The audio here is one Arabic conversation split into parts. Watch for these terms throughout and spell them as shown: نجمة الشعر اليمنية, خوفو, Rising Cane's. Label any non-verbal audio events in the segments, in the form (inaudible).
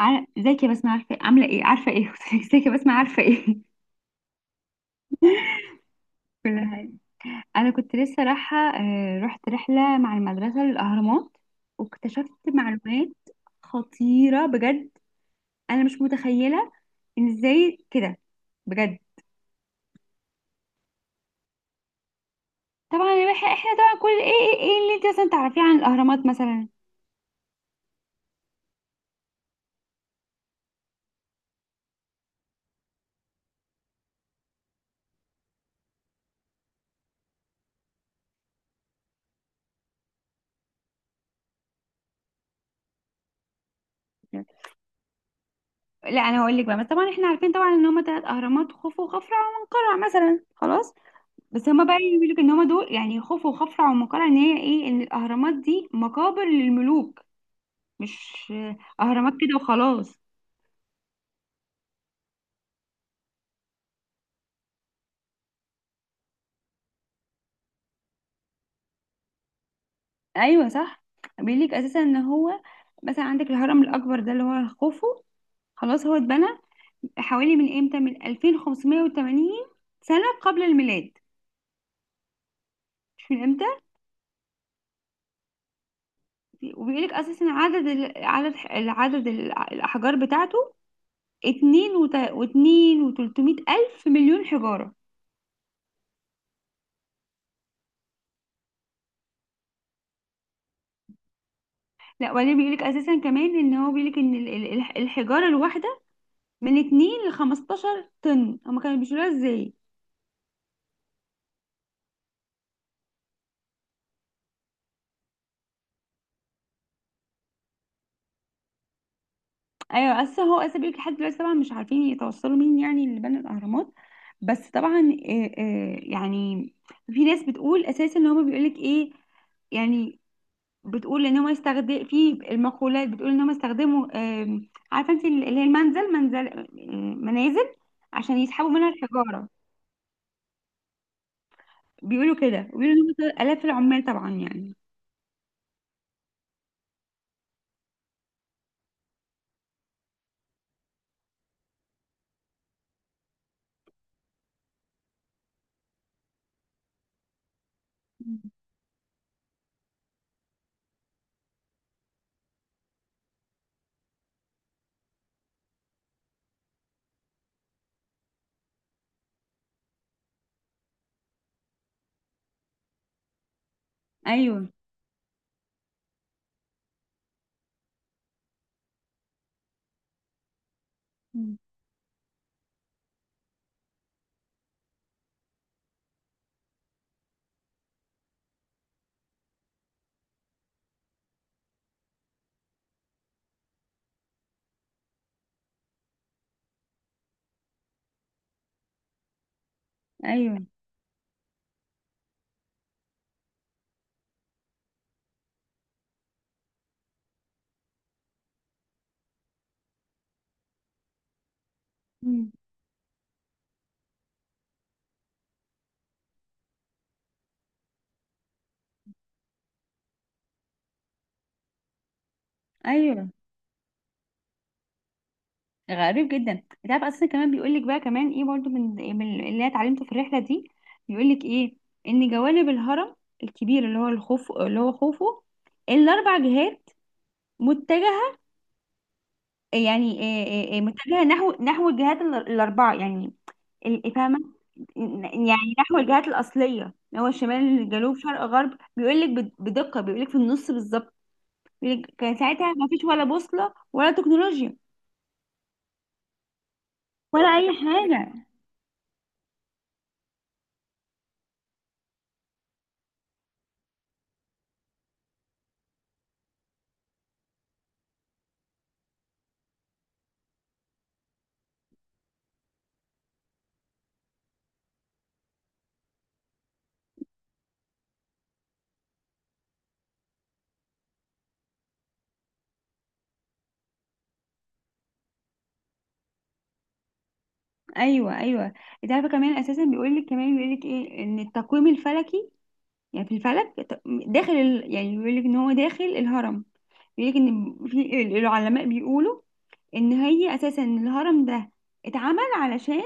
ازيك يا بسمة، عارفة عاملة ايه؟ عارفة ايه؟ (laughs) ازيك يا بسمة، عارفة ايه؟ (laughs) كل حاجة. انا كنت لسه رايحة، رحت رحلة مع المدرسة للأهرامات، واكتشفت معلومات خطيرة بجد. انا مش متخيلة ان ازاي كده، بجد. طبعا يا بحي احنا طبعا كل ايه اللي انت مثلا تعرفيه عن الأهرامات مثلا. لا انا هقول لك بقى، بس طبعا احنا عارفين طبعا ان هما تلات اهرامات، خوفو وخفرع ومنقرع مثلا، خلاص. بس هما بقى بيقولوا ان هما دول يعني خوف وخفرع، ومقالة ان هي ايه، ان الاهرامات دي مقابر للملوك، مش اهرامات كده وخلاص. ايوه صح. بيقول لك اساسا ان هو مثلا عندك الهرم الاكبر ده اللي هو خوفو، خلاص هو اتبنى حوالي من 2580 سنة قبل الميلاد، مش من امتى. وبيقول لك اساسا عدد الاحجار بتاعته، اتنين وت- واتنين وتلتمية الف مليون حجارة. لا وبعدين بيقولك اساسا كمان ان هو بيقولك ان الحجاره الواحده من 2 ل 15 طن، هما كانوا بيشيلوها ازاي؟ ايوه اساسا هو اساسا بيقولك لحد دلوقتي طبعا مش عارفين يتوصلوا مين يعني اللي بنى الاهرامات، بس طبعا يعني في ناس بتقول اساسا ان هما بيقولك ايه يعني، بتقول ان هم يستخدم في المقولات، بتقول ان هم استخدموا، عارفه انت اللي هي المنزل منزل، منازل، عشان يسحبوا منها الحجاره. بيقولوا كده، وبيقولوا ان هم الاف العمال طبعا يعني. ايوه. مم. ايوه. مم. ايوه غريب جدا. انت عارف اصلا كمان بيقول لك بقى كمان ايه برضو، من اللي انا اتعلمته في الرحله دي، بيقول لك ايه، ان جوانب الهرم الكبير اللي هو الخوف اللي هو خوفه، الاربع جهات متجهه، يعني إيه إيه إيه متجهه نحو الجهات الاربعه يعني، ال- إيه، فاهمه؟ يعني نحو الجهات الاصليه، اللي هو شمال جنوب شرق غرب، بيقول لك بدقه، بيقول لك في النص بالظبط، بيقول لك كان ساعتها ما فيش ولا بوصله ولا تكنولوجيا ولا اي حاجه. ايوه ايوه. انت عارفه كمان اساسا بيقول لك كمان بيقول لك ايه، ان التقويم الفلكي يعني في الفلك، يعني بيقول لك ان هو داخل الهرم، بيقول لك ان في العلماء بيقولوا ان هي اساسا الهرم ده اتعمل علشان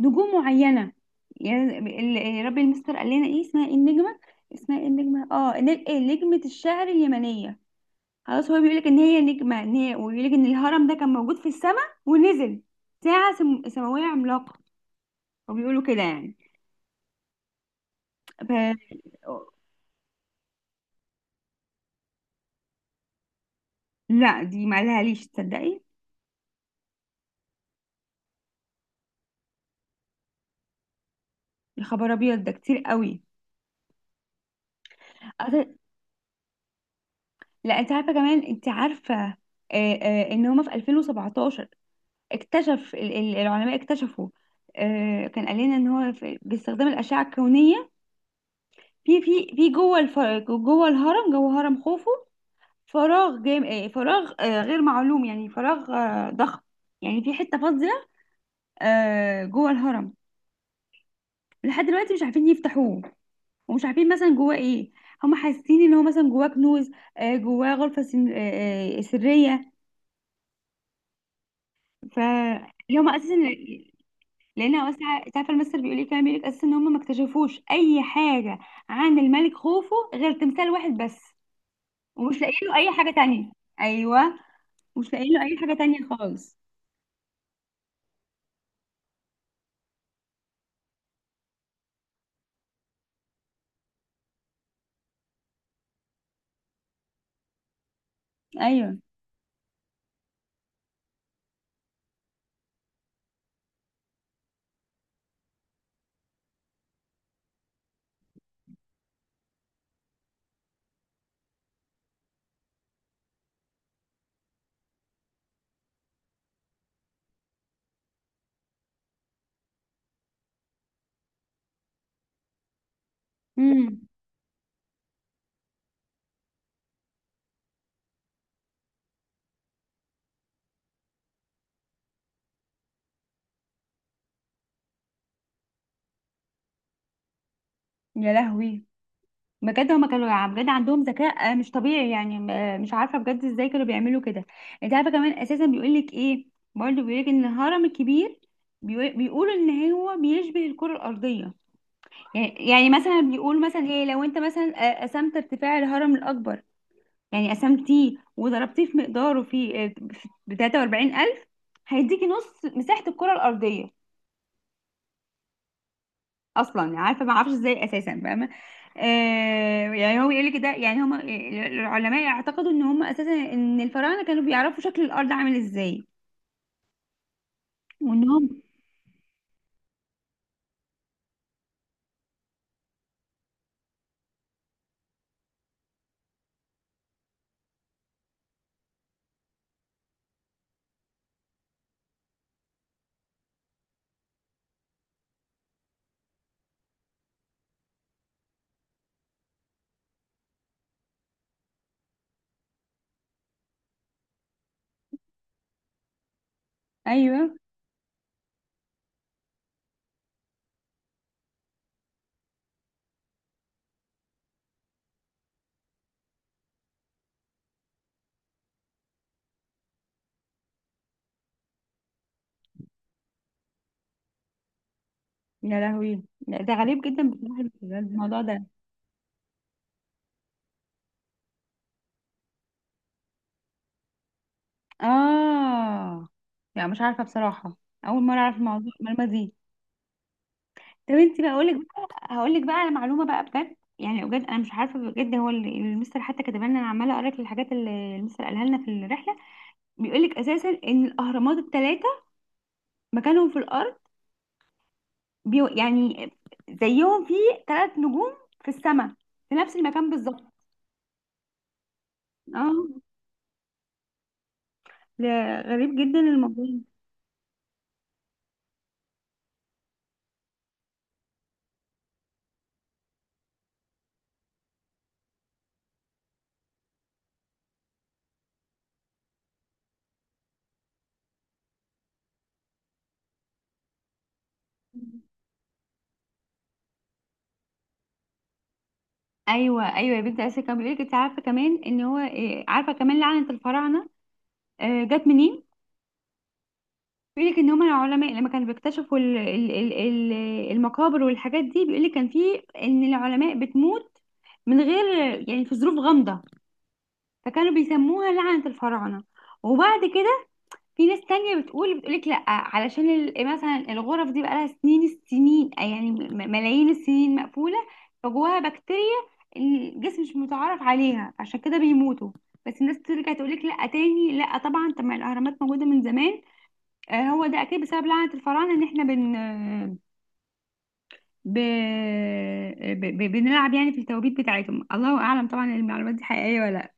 نجوم معينه، يعني ربي المستر قال لنا ايه اسمها، ايه النجمه، اسمها ايه النجمه، اه ن- إيه، نجمه الشعر اليمنيه. خلاص هو بيقول لك ان هي نجمه، ان هي وبيقول لك ان الهرم ده كان موجود في السماء ونزل، سماويه عملاقه، وبيقولوا كده يعني. ف... لا دي ما ليش تصدقي. يا خبر ابيض ده كتير قوي. أصل- لا انت عارفه كمان، انت عارفه، ان هما في 2017 العلماء اكتشفوا، كان قال لنا ان هو باستخدام الاشعه الكونيه في جوه الهرم، جوه هرم خوفو، فراغ غير معلوم، يعني فراغ ضخم، يعني في حته فاضيه، جوه الهرم. لحد دلوقتي مش عارفين يفتحوه، ومش عارفين مثلا جواه ايه. هم حاسين ان هو مثلا جواه كنوز، جواه غرفه سن... آه، آه، سريه. ف اللي هم اساسا، لان هو تعرف المثل بيقول ايه، كان بيقول لك اساسا ان هم ما اكتشفوش اي حاجه عن الملك خوفو غير تمثال واحد بس، ومش لاقيين له اي حاجه تانية. ايوه. مش لاقيين له اي حاجه تانية خالص. ايوه. امم. يا لهوي. بجد هما كانوا بجد عندهم ذكاء مش طبيعي يعني، مش عارفه بجد ازاي كانوا بيعملوا كده. انت عارفه كمان اساسا بيقول لك ايه، برضه بيقول لك ان الهرم الكبير بيقولوا ان هو بيشبه الكره الارضيه، يعني مثلا بيقول مثلا ايه، لو انت مثلا قسمت ارتفاع الهرم الاكبر يعني، قسمتيه وضربتيه في مقداره في ب 43,000، هيديكي نص مساحه الكره الارضيه. اصلا يعني عارفه، ما اعرفش ازاي اساسا فاهمه. آه يعني هو يقول لك ده يعني هم العلماء يعتقدوا ان هم اساسا ان الفراعنه كانوا بيعرفوا شكل الارض عامل ازاي، وانهم. ايوه. يا لهوي. لا، ده غريب جدا بصراحه الموضوع ده. اه يعني مش عارفه بصراحه، اول مره اعرف المعلومه دي. طب انت بقى اقول لك بقى، هقول لك بقى على معلومه بقى بجد، يعني بجد انا مش عارفه بجد، هو اللي المستر حتى كاتبها لنا، انا عماله اقرا لك الحاجات اللي المستر قالها لنا في الرحله. بيقولك اساسا ان الاهرامات الثلاثه مكانهم في الارض، يعني زيهم في ثلاث نجوم في السماء، في نفس المكان بالظبط. اه. لا، غريب جدا الموضوع. ايوه ايوه يا بنتي، اساسا كان بيقولك انت عارفه كمان ان هو عارفه كمان لعنه الفراعنه، جت منين؟ بيقولك ان هم العلماء لما كانوا بيكتشفوا المقابر والحاجات دي، بيقولك كان في ان العلماء بتموت من غير، يعني في ظروف غامضة، فكانوا بيسموها لعنة الفراعنة. وبعد كده في ناس تانية بتقول بتقولك لأ، علشان مثلا الغرف دي بقالها سنين السنين يعني ملايين السنين مقفولة، فجواها بكتيريا الجسم مش متعرف عليها، عشان كده بيموتوا. بس الناس ترجع تقولك لأ تاني، لأ طبعا، طب ما الأهرامات موجودة من زمان، هو ده أكيد بسبب لعنة الفراعنة، إن احنا بن ب... ب... ب... بنلعب يعني في التوابيت بتاعتهم. الله أعلم طبعا المعلومات دي حقيقية ولا لأ.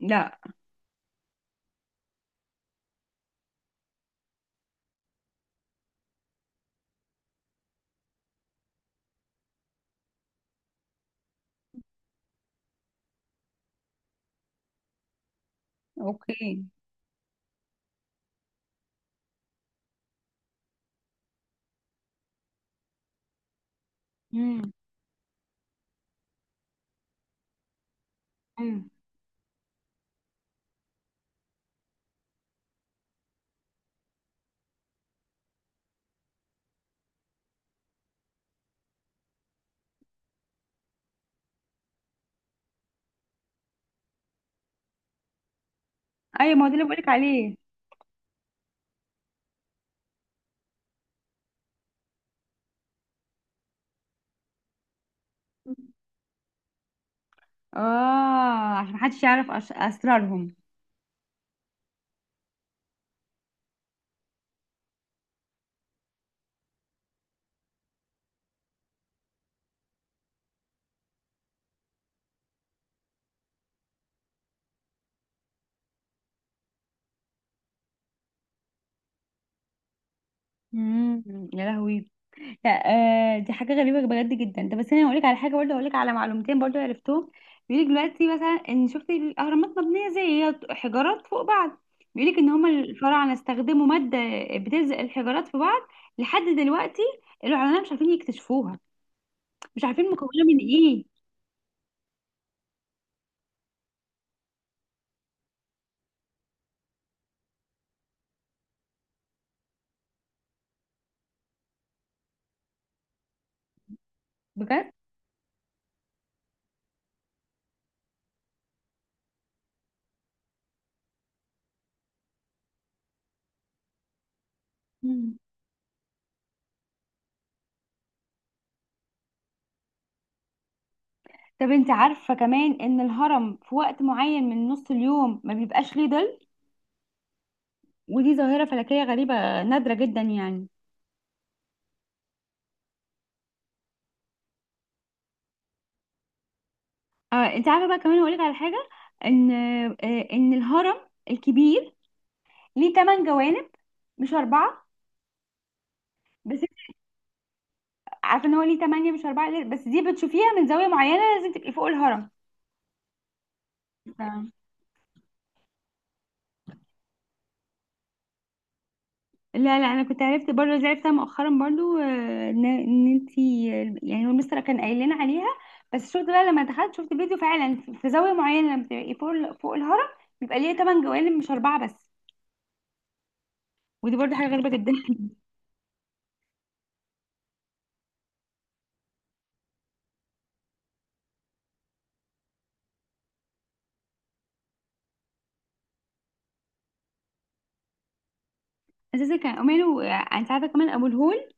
لأ. أوكي. امم. ايوه ما هو ده اللي بقولك عليه. اه عشان محدش يعرف اسرارهم. امم. يا لهوي. لا آه دي حاجه غريبه بجد جدا ده، بس انا هقول لك على حاجه برضه، هقول لك على معلومتين برضه عرفتهم. بيقول لك دلوقتي مثلا ان شفتي الاهرامات مبنيه، زي هي حجارات فوق بعض، بيقول لك ان هم الفراعنه استخدموا ماده بتلزق الحجارات في بعض، لحد دلوقتي العلماء مش عارفين يكتشفوها، مش عارفين مكونه من ايه. بجد. مم. طب انت عارفه كمان ان الهرم في وقت معين من نص اليوم ما بيبقاش ليه ظل، ودي ظاهرة فلكية غريبة نادرة جدا يعني. آه انت عارفة بقى كمان هقولك على حاجة، ان آه ان الهرم الكبير ليه تمن جوانب مش أربعة بس. انت عارفة ان هو ليه تمانية مش أربعة بس دي بتشوفيها من زاوية معينة، لازم تبقي فوق الهرم. ف- لا لا انا كنت عرفت برضه زي عرفتها مؤخرا برضه، ان انت يعني هو المستر كان قايل لنا عليها، بس شفت بقى لما دخلت شفت فيديو فعلا في زاوية معينة لما بتبقي فوق فوق الهرم بيبقى ليه تمن جوانب مش أربعة بس، ودي برضه حاجة غريبة جدا. اساسا كان عمانه. انت عارفه كمان ابو الهول،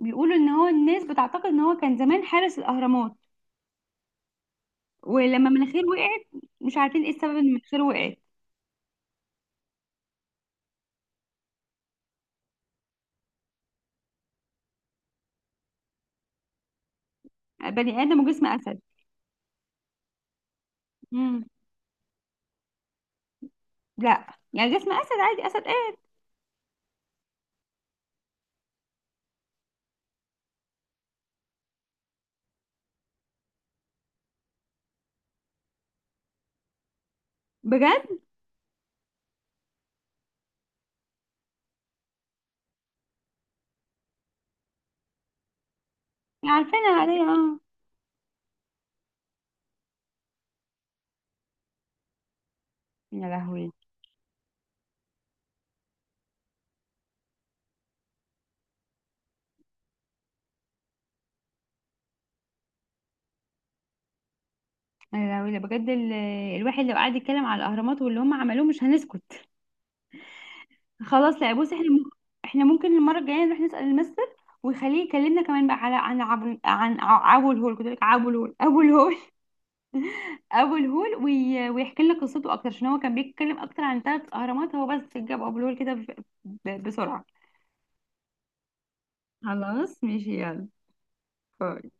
بيقولوا ان هو الناس بتعتقد ان هو كان زمان حارس الاهرامات، ولما مناخيره وقعت مش عارفين ايه السبب ان مناخيره وقعت. بني ادم وجسم اسد. مم. لا يعني جسم اسد عادي، اسد ايه. بجد. عارفينها عليا اه. يا لهوي. يا لهوي ده بجد الواحد لو قعد يتكلم على الاهرامات واللي هم عملوه مش هنسكت. خلاص لا بص احنا ممكن المره الجايه نروح نسال المستر، ويخليه يكلمنا كمان بقى على عن عبو عن ع- عبو الهول كنت بقول لك عبو الهول ابو الهول، ابو الهول ويحكي لك قصته اكتر، عشان هو كان بيتكلم اكتر عن ثلاث اهرامات، هو بس جاب ابو الهول كده بسرعه. خلاص ماشي يلا. باي.